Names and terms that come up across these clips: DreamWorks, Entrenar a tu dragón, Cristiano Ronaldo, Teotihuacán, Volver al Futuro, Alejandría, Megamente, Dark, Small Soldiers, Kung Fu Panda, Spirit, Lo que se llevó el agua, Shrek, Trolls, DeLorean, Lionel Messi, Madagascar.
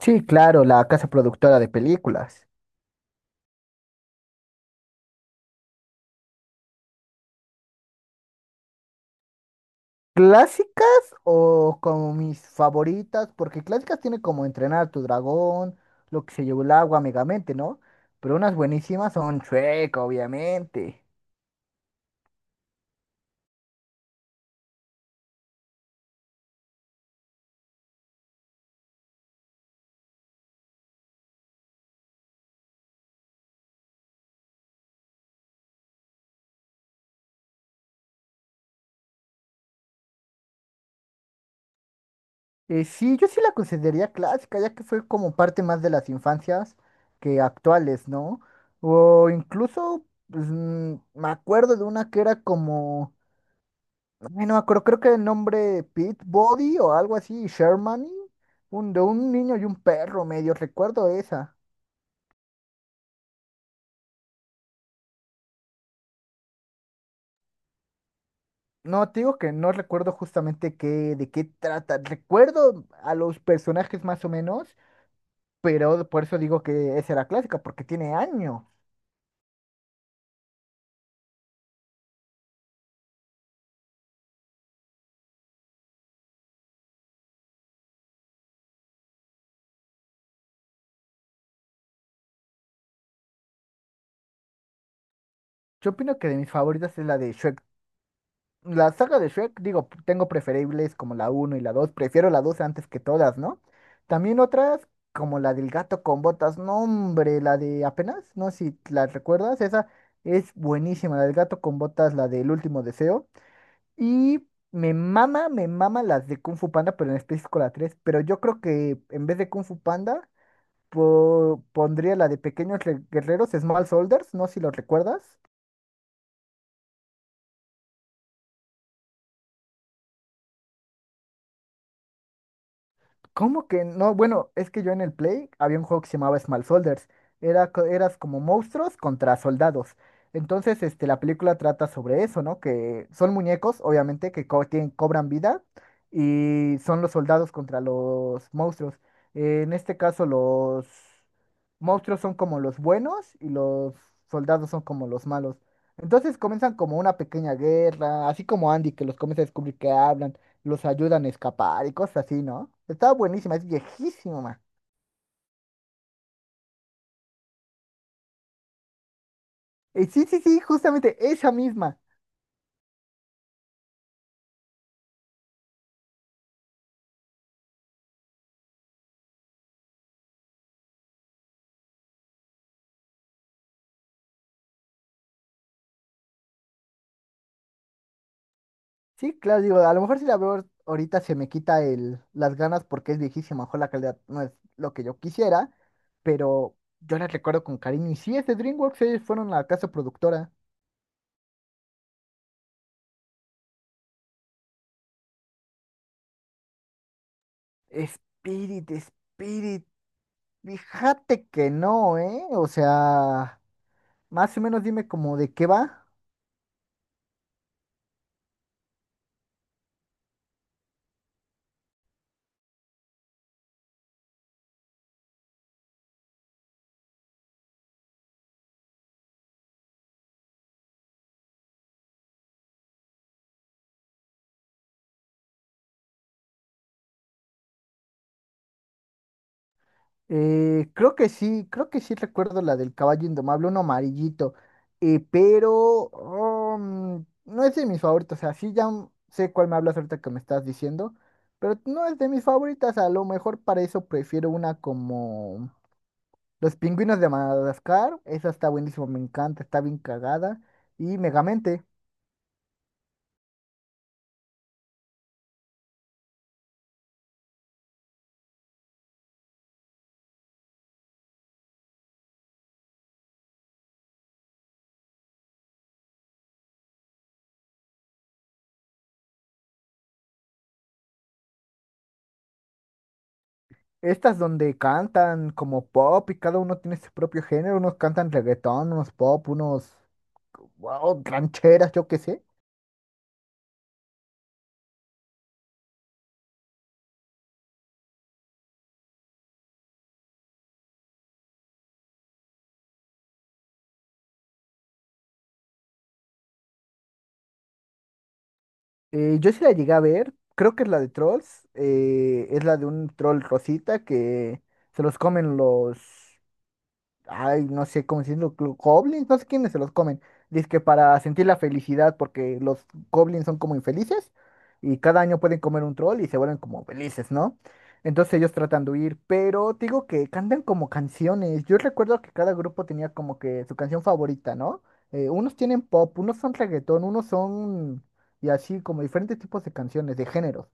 Sí, claro, la casa productora de películas. ¿Clásicas o como mis favoritas? Porque clásicas tiene como Entrenar a tu dragón, Lo que se llevó el agua, Megamente, ¿no? Pero unas buenísimas son Shrek, obviamente. Sí, yo sí la consideraría clásica, ya que fue como parte más de las infancias que actuales, ¿no? O incluso, pues, me acuerdo de una que era como... Ay, no me acuerdo, creo que el nombre Pete Body o algo así, Shermany, de un niño y un perro, medio recuerdo esa. No, te digo que no recuerdo justamente qué, de qué trata. Recuerdo a los personajes más o menos, pero por eso digo que esa era clásica, porque tiene años. Yo opino que de mis favoritas es la de Shrek. La saga de Shrek, digo, tengo preferibles como la uno y la dos, prefiero la 2 antes que todas, ¿no? También otras como la del gato con botas, no hombre, la de apenas, no sé si la recuerdas, esa es buenísima, la del gato con botas, la del último deseo. Y me mama las de Kung Fu Panda, pero en específico la tres, pero yo creo que en vez de Kung Fu Panda, pondría la de Pequeños Guerreros, Small Soldiers, no sé si lo recuerdas. ¿Cómo que no? Bueno, es que yo en el Play había un juego que se llamaba Small Soldiers. Era, eras como monstruos contra soldados. Entonces, este, la película trata sobre eso, ¿no? Que son muñecos, obviamente, que cobran vida y son los soldados contra los monstruos. En este caso, los monstruos son como los buenos y los soldados son como los malos. Entonces comienzan como una pequeña guerra, así como Andy, que los comienza a descubrir que hablan, los ayudan a escapar y cosas así, ¿no? Estaba buenísima, es viejísima. Sí, sí, sí, justamente esa misma. Sí, claro, digo, a lo mejor si la veo ahorita se me quita el, las ganas porque es viejísima, a lo mejor la calidad no es lo que yo quisiera, pero yo la recuerdo con cariño. Y sí, es de DreamWorks, ellos fueron la casa productora. Spirit, Spirit, fíjate que no, ¿eh? O sea, más o menos dime como de qué va. Creo que sí, creo que sí recuerdo la del caballo indomable, uno amarillito, pero no es de mis favoritos, o sea, sí ya sé cuál me hablas ahorita que me estás diciendo, pero no es de mis favoritas, a lo mejor para eso prefiero una como Los pingüinos de Madagascar, esa está buenísima, me encanta, está bien cagada, y Megamente, estas donde cantan como pop y cada uno tiene su propio género, unos cantan reggaetón, unos pop, unos wow, rancheras, yo qué sé. Yo sí la llegué a ver, creo que es la de Trolls, es la de un troll rosita que se los comen los, ay, no sé, como si los goblins, no sé quiénes se los comen. Dice que para sentir la felicidad, porque los goblins son como infelices y cada año pueden comer un troll y se vuelven como felices, ¿no? Entonces ellos tratan de huir, pero te digo que cantan como canciones. Yo recuerdo que cada grupo tenía como que su canción favorita, ¿no? Unos tienen pop, unos son reggaetón, unos son... y así como diferentes tipos de canciones, de géneros.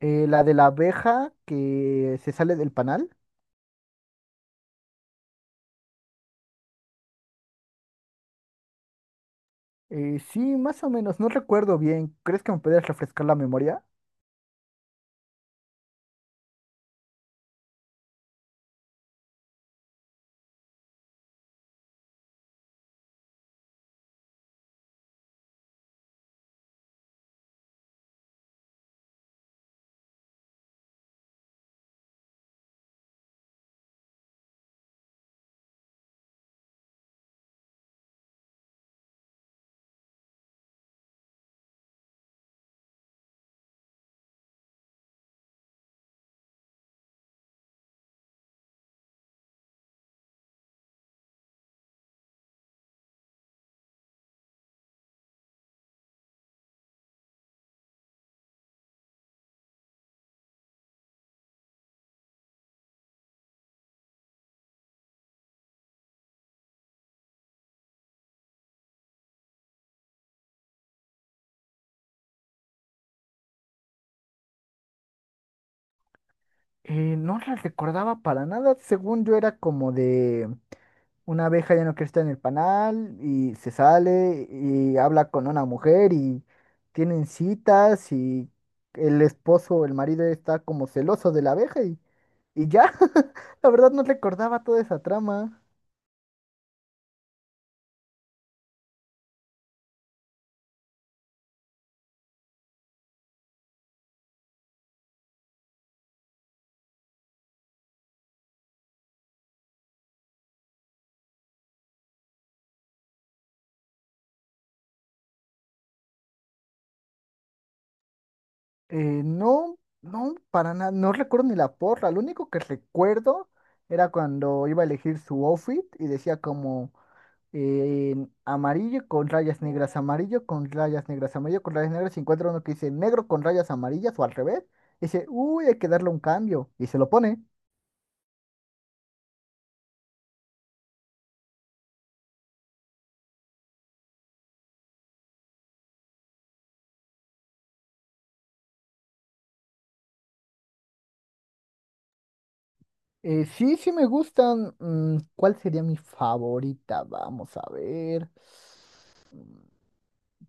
La de la abeja que se sale del panal. Sí, más o menos, no recuerdo bien. ¿Crees que me podrías refrescar la memoria? No la recordaba para nada. Según yo era como de una abeja ya no quiere estar en el panal y se sale y habla con una mujer y tienen citas y el esposo o el marido está como celoso de la abeja y ya. La verdad no recordaba toda esa trama. Eh, no, no, para nada, no recuerdo ni la porra. Lo único que recuerdo era cuando iba a elegir su outfit y decía como eh, amarillo con rayas negras, amarillo con rayas negras, amarillo con rayas negras. Y encuentra uno que dice negro con rayas amarillas o al revés, y dice, uy, hay que darle un cambio. Y se lo pone. Sí, sí me gustan. Mm, ¿cuál sería mi favorita? Vamos a ver. Mm,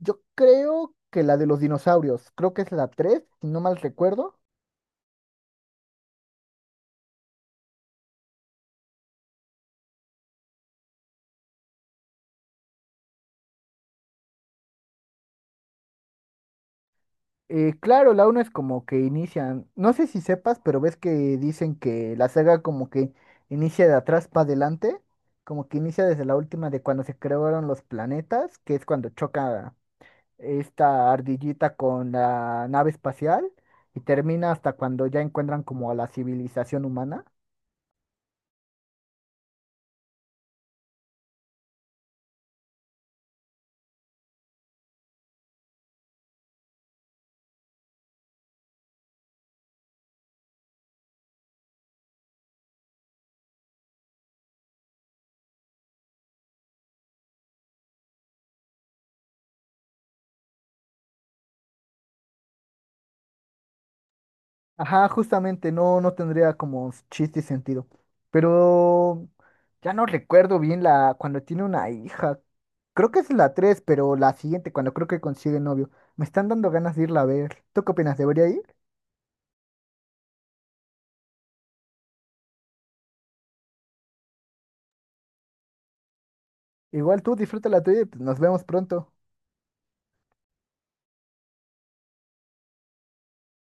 yo creo que la de los dinosaurios. Creo que es la 3, si no mal recuerdo. Claro, la uno es como que inician, no sé si sepas, pero ves que dicen que la saga como que inicia de atrás para adelante, como que inicia desde la última de cuando se crearon los planetas, que es cuando choca esta ardillita con la nave espacial y termina hasta cuando ya encuentran como a la civilización humana. Ajá, justamente, no, no tendría como chiste y sentido. Pero ya no recuerdo bien la cuando tiene una hija. Creo que es la tres, pero la siguiente, cuando creo que consigue novio. Me están dando ganas de irla a ver. ¿Tú qué opinas? ¿Debería ir? Igual tú disfruta la tuya y pues, nos vemos pronto.